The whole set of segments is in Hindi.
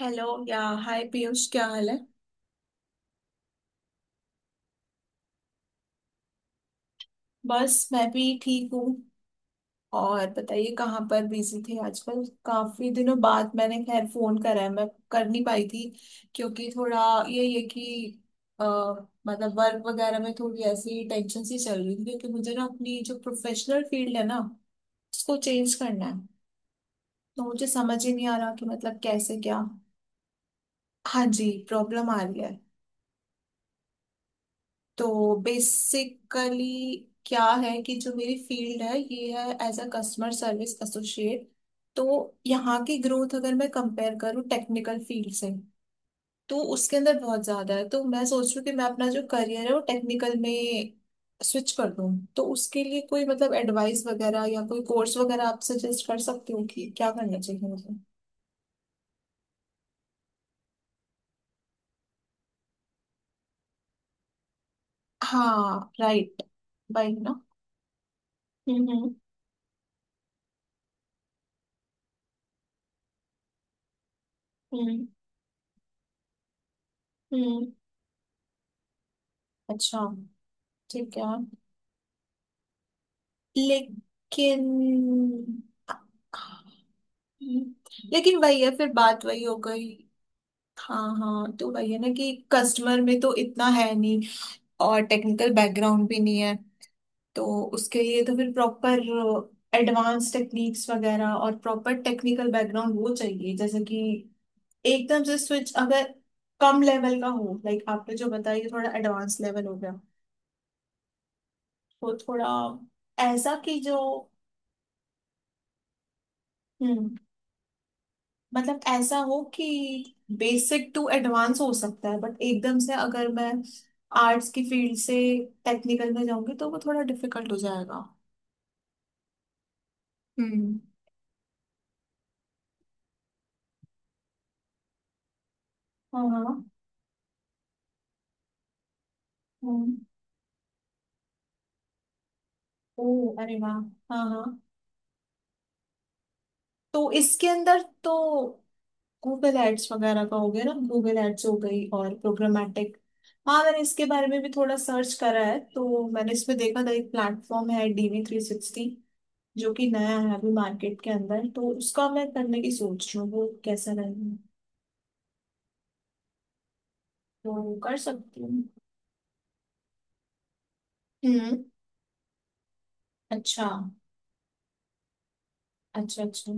हेलो या हाय पीयूष, क्या हाल है। बस मैं भी ठीक हूँ। और बताइए कहाँ पर बिजी थे आजकल, काफी दिनों बाद मैंने खैर फोन करा है, मैं कर नहीं पाई थी क्योंकि थोड़ा ये कि अ, मतलब वर्क वगैरह में थोड़ी ऐसी टेंशन सी चल रही थी, क्योंकि मुझे ना अपनी जो प्रोफेशनल फील्ड है ना, उसको चेंज करना है। तो मुझे समझ ही नहीं आ रहा कि मतलब कैसे क्या। हाँ जी, प्रॉब्लम आ रही है। तो बेसिकली क्या है कि जो मेरी फील्ड है ये है as a customer service associate. तो यहाँ की ग्रोथ अगर मैं कंपेयर करूँ टेक्निकल फील्ड से तो उसके अंदर बहुत ज्यादा है। तो मैं सोच रही हूँ कि मैं अपना जो करियर है वो टेक्निकल में स्विच कर दूँ। तो उसके लिए कोई मतलब एडवाइस वगैरह या कोई कोर्स वगैरह आप सजेस्ट कर सकते हो कि क्या करना चाहिए मुझे। हाँ राइट। बाइक ना। हम्म हम्म हम्म हम्म। अच्छा। ठीक है। लेकिन लेकिन वही है फिर, बात वही हो गई। हाँ हाँ, तो वही है ना कि कस्टमर में तो इतना है नहीं, और टेक्निकल बैकग्राउंड भी नहीं है। तो उसके लिए तो फिर प्रॉपर एडवांस टेक्निक्स वगैरह और प्रॉपर टेक्निकल बैकग्राउंड वो चाहिए, जैसे कि एकदम से स्विच अगर कम लेवल का हो, लाइक आपने जो बताया ये थोड़ा एडवांस लेवल हो गया, तो थोड़ा ऐसा कि जो। हम्म। मतलब ऐसा हो कि बेसिक टू एडवांस हो सकता है, बट एकदम से अगर मैं आर्ट्स की फील्ड से टेक्निकल में जाऊंगी तो वो थोड़ा डिफिकल्ट हो जाएगा। हम्म। हाँ हाँ। हम्म। ओ, अरे वाह। हाँ हाँ, तो इसके अंदर तो गूगल एड्स वगैरह का हो गया ना, गूगल एड्स हो गई और प्रोग्रामेटिक। हाँ, मैंने इसके बारे में भी थोड़ा सर्च करा है, तो मैंने इसमें देखा था एक प्लेटफॉर्म है DV360, जो कि नया है अभी मार्केट के अंदर। तो उसका मैं करने की सोच रही हूँ, वो कैसा रहेगा, तो कर सकती हूँ। हम्म। अच्छा अच्छा। अच्छा।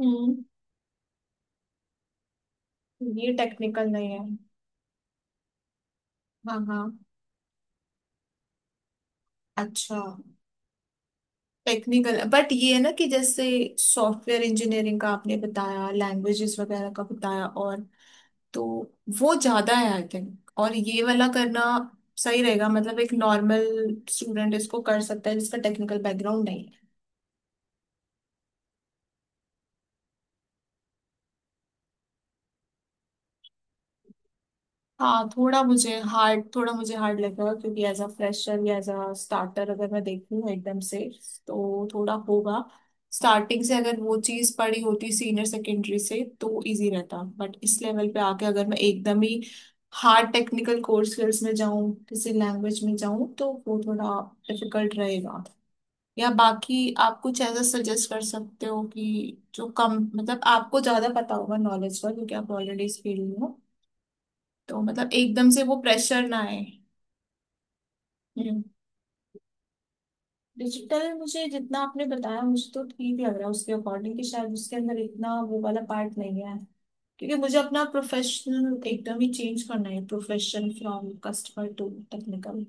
हम्म। ये टेक्निकल नहीं है। हाँ हाँ। अच्छा, टेक्निकल बट ये है ना कि जैसे सॉफ्टवेयर इंजीनियरिंग का आपने बताया, लैंग्वेजेस वगैरह का बताया, और तो वो ज्यादा है आई थिंक, और ये वाला करना सही रहेगा। मतलब एक नॉर्मल स्टूडेंट इसको कर सकता है जिसका टेक्निकल बैकग्राउंड नहीं है। हाँ, थोड़ा मुझे हार्ड लग रहा है, क्योंकि एज अ फ्रेशर या एज अ स्टार्टर अगर मैं देखूँ एकदम से तो थोड़ा होगा। स्टार्टिंग से अगर वो चीज पड़ी होती सीनियर सेकेंडरी से तो इजी रहता, बट इस लेवल पे आके अगर मैं एकदम ही हार्ड टेक्निकल कोर्स स्किल्स में जाऊँ, किसी लैंग्वेज में जाऊँ, तो वो थोड़ा डिफिकल्ट रहेगा। या बाकी आप कुछ ऐसा सजेस्ट कर सकते हो कि जो कम, मतलब आपको ज्यादा पता होगा नॉलेज का, क्योंकि आप ऑलरेडी इस फील्ड में हो, तो मतलब एकदम से वो प्रेशर ना आए। हम्म। डिजिटल मुझे जितना आपने बताया मुझे तो ठीक लग रहा है, उसके अकॉर्डिंग, कि शायद उसके अंदर इतना वो वाला पार्ट नहीं है, क्योंकि मुझे अपना प्रोफेशनल एकदम ही चेंज करना है, profession from customer to technical.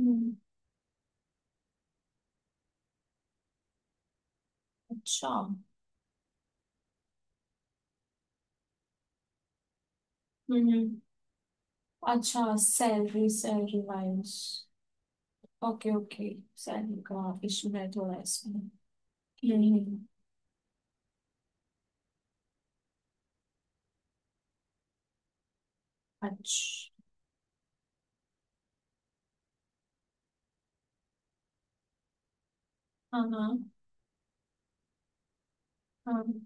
हम्म। अच्छा। हम्म। अच्छा, salary salary wise. Okay okay. Salary का इशू है थोड़ा इसमें। हम्म। अच्छा। हाँ हाँ। हाँ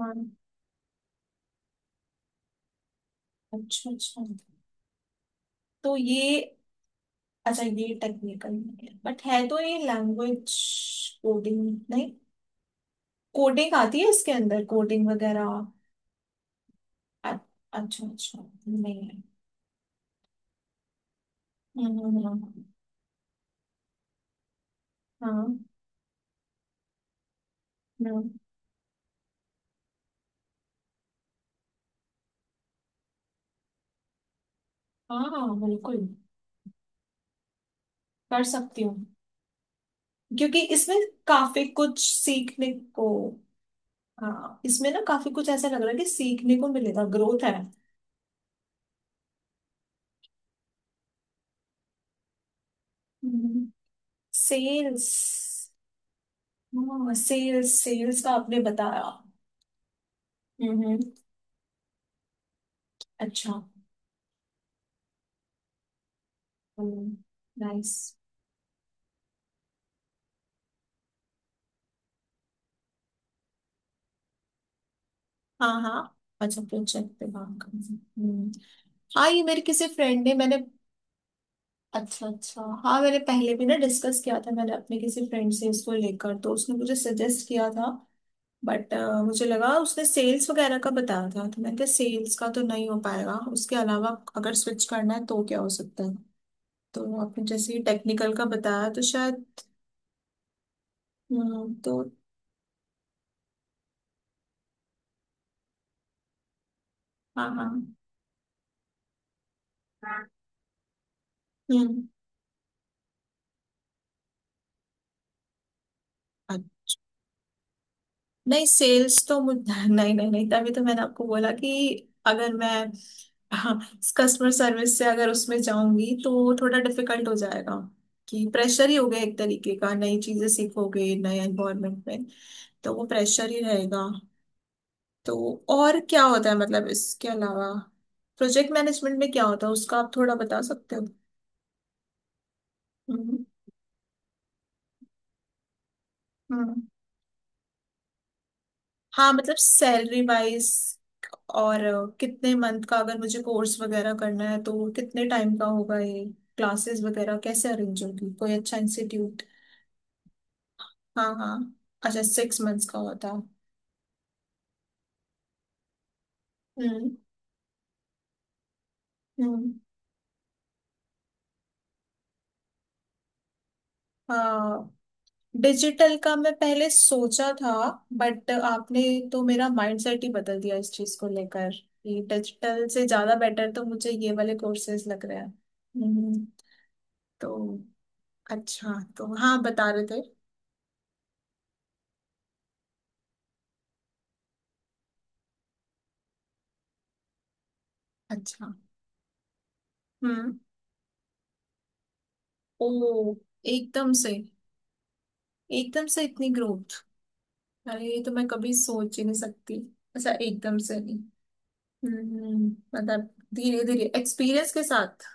हाँ। अच्छा अच्छा। तो ये अच्छा, ये टेक्निकल नहीं है बट है तो ये लैंग्वेज। कोडिंग, नहीं, कोडिंग आती है इसके अंदर, कोडिंग वगैरह। अ- अच्छा अच्छा। नहीं है। हम्म हम्म हम्म, हाँ। हम्म, हाँ हाँ, हाँ, बिल्कुल, कर सकती हूँ। क्योंकि इसमें काफी कुछ सीखने को। हाँ इसमें ना काफी कुछ ऐसा लग रहा है कि सीखने को मिलेगा, ग्रोथ है। सेल्स। हाँ, सेल्स सेल्स का आपने बताया। हम्म हम्म, अच्छा। नाइस। हाँ हाँ, अच्छा, प्रोजेक्ट पे काम कर सकते हैं। हम्म। हाँ ये मेरे किसी फ्रेंड ने, मैंने, अच्छा अच्छा, हाँ मैंने पहले भी ना डिस्कस किया था, मैंने अपने किसी फ्रेंड से इसको लेकर, तो उसने मुझे सजेस्ट किया था। बट मुझे लगा उसने सेल्स वगैरह का बताया था, तो मैंने कहा सेल्स का तो नहीं हो पाएगा, उसके अलावा अगर स्विच करना है तो क्या हो सकता है। तो आपने जैसे ही टेक्निकल का बताया तो शायद। हम्म, तो हाँ। हाँ। हम्म। नहीं सेल्स तो मुझ नहीं नहीं नहीं, तभी तो मैंने आपको बोला कि अगर मैं, हाँ, कस्टमर सर्विस से अगर उसमें जाऊंगी तो थोड़ा डिफिकल्ट हो जाएगा। कि प्रेशर ही हो गया एक तरीके का, नई चीजें सीखोगे नए एनवायरनमेंट में, तो वो प्रेशर ही रहेगा। तो और क्या होता है मतलब इसके अलावा, प्रोजेक्ट मैनेजमेंट में क्या होता है उसका आप थोड़ा बता सकते हो। हम्म। हम्म। हाँ, मतलब सैलरी वाइज। और कितने मंथ का अगर मुझे कोर्स वगैरह करना है, तो कितने टाइम का होगा ये, क्लासेस वगैरह कैसे अरेंज होगी, कोई अच्छा इंस्टीट्यूट। हाँ हाँ। अच्छा, 6 मंथ्स का होता। हम्म हम्म। हाँ, डिजिटल का मैं पहले सोचा था, बट आपने तो मेरा माइंडसेट ही बदल दिया इस चीज को लेकर, कि डिजिटल से ज्यादा बेटर तो मुझे ये वाले कोर्सेज लग रहे हैं। हम्म। तो अच्छा, तो हाँ बता रहे थे। अच्छा। हम्म। ओ, एकदम से, एकदम से इतनी ग्रोथ, अरे ये तो मैं कभी सोच ही नहीं सकती। ऐसा एकदम से नहीं। हम्म। मतलब धीरे धीरे एक्सपीरियंस के साथ।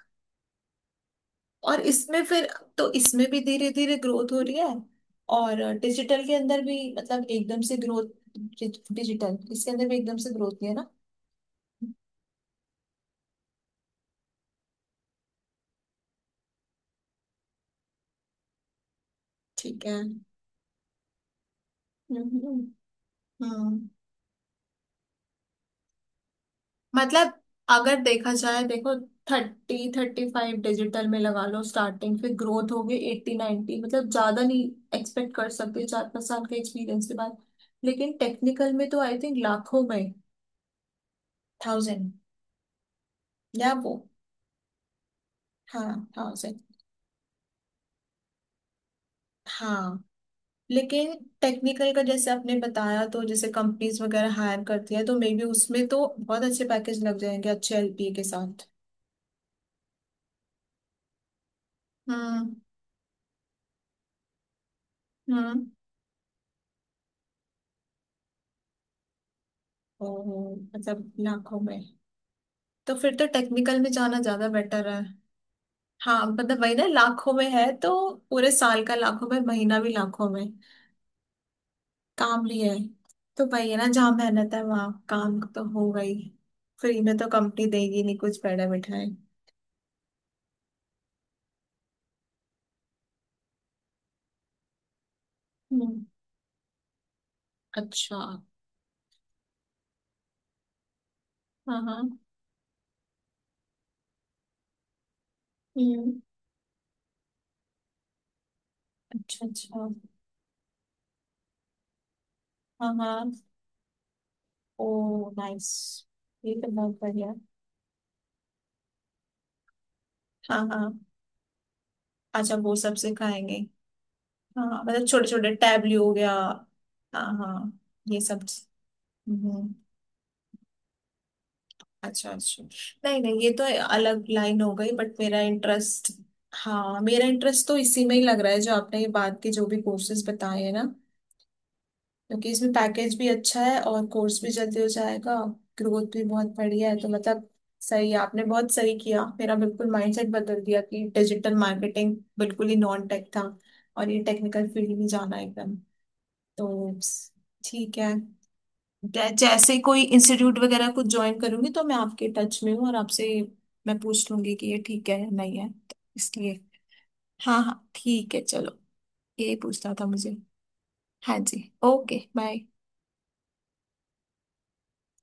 और इसमें फिर तो इसमें भी धीरे धीरे ग्रोथ हो रही है। और डिजिटल के अंदर भी मतलब एकदम से ग्रोथ, डिजिटल इसके अंदर भी एकदम से ग्रोथ नहीं है ना। ठीक है। हम्म हम्म। मतलब अगर देखा जाए, देखो, 30 35 डिजिटल में लगा लो स्टार्टिंग, फिर ग्रोथ होगी 80 90, मतलब ज्यादा नहीं एक्सपेक्ट कर सकते 4 5 साल के एक्सपीरियंस के बाद। लेकिन टेक्निकल में तो आई थिंक लाखों में। थाउजेंड या वो, हाँ थाउजेंड। हाँ। लेकिन टेक्निकल का जैसे आपने बताया, तो जैसे कंपनीज वगैरह हायर करती है, तो मे बी उसमें तो बहुत अच्छे पैकेज लग जाएंगे, अच्छे एलपीए के साथ। हम्म हम्म। ओ, मतलब लाखों में, तो फिर तो टेक्निकल में जाना ज्यादा बेटर है। हाँ, मतलब वही ना, लाखों में है तो। पूरे साल का लाखों में, महीना भी लाखों में। काम भी है। तो वही है ना, जहाँ मेहनत है वहाँ काम तो होगा ही, फ्री में तो कंपनी देगी नहीं कुछ बैठा बिठाए। हम्म। अच्छा। हाँ हाँ। हम्म। अच्छा अच्छा। हाँ हाँ। ओ नाइस, ये तो बहुत बढ़िया। हाँ हाँ, अच्छा वो सब सिखाएंगे। हाँ मतलब छोटे छोटे, टैबली हो गया। हाँ हाँ, ये सब। हम्म। अच्छा अच्छा। नहीं नहीं, ये तो अलग लाइन हो गई, बट मेरा इंटरेस्ट, हाँ मेरा इंटरेस्ट तो इसी में ही लग रहा है, जो आपने ये बात की, जो भी कोर्सेज बताए हैं ना, क्योंकि इसमें पैकेज भी अच्छा है और कोर्स भी जल्दी हो जाएगा, ग्रोथ भी बहुत बढ़िया है, तो मतलब सही है। आपने बहुत सही किया, मेरा बिल्कुल माइंडसेट बदल दिया कि डिजिटल मार्केटिंग बिल्कुल ही नॉन टेक था और ये टेक्निकल फील्ड में जाना एकदम, तो ठीक है। जैसे कोई इंस्टीट्यूट वगैरह कुछ ज्वाइन करूंगी, तो मैं आपके टच में हूँ और आपसे मैं पूछ लूंगी कि ये ठीक है या नहीं है, तो इसलिए। हाँ हाँ ठीक है, चलो, यही पूछना था मुझे। हाँ जी, ओके बाय।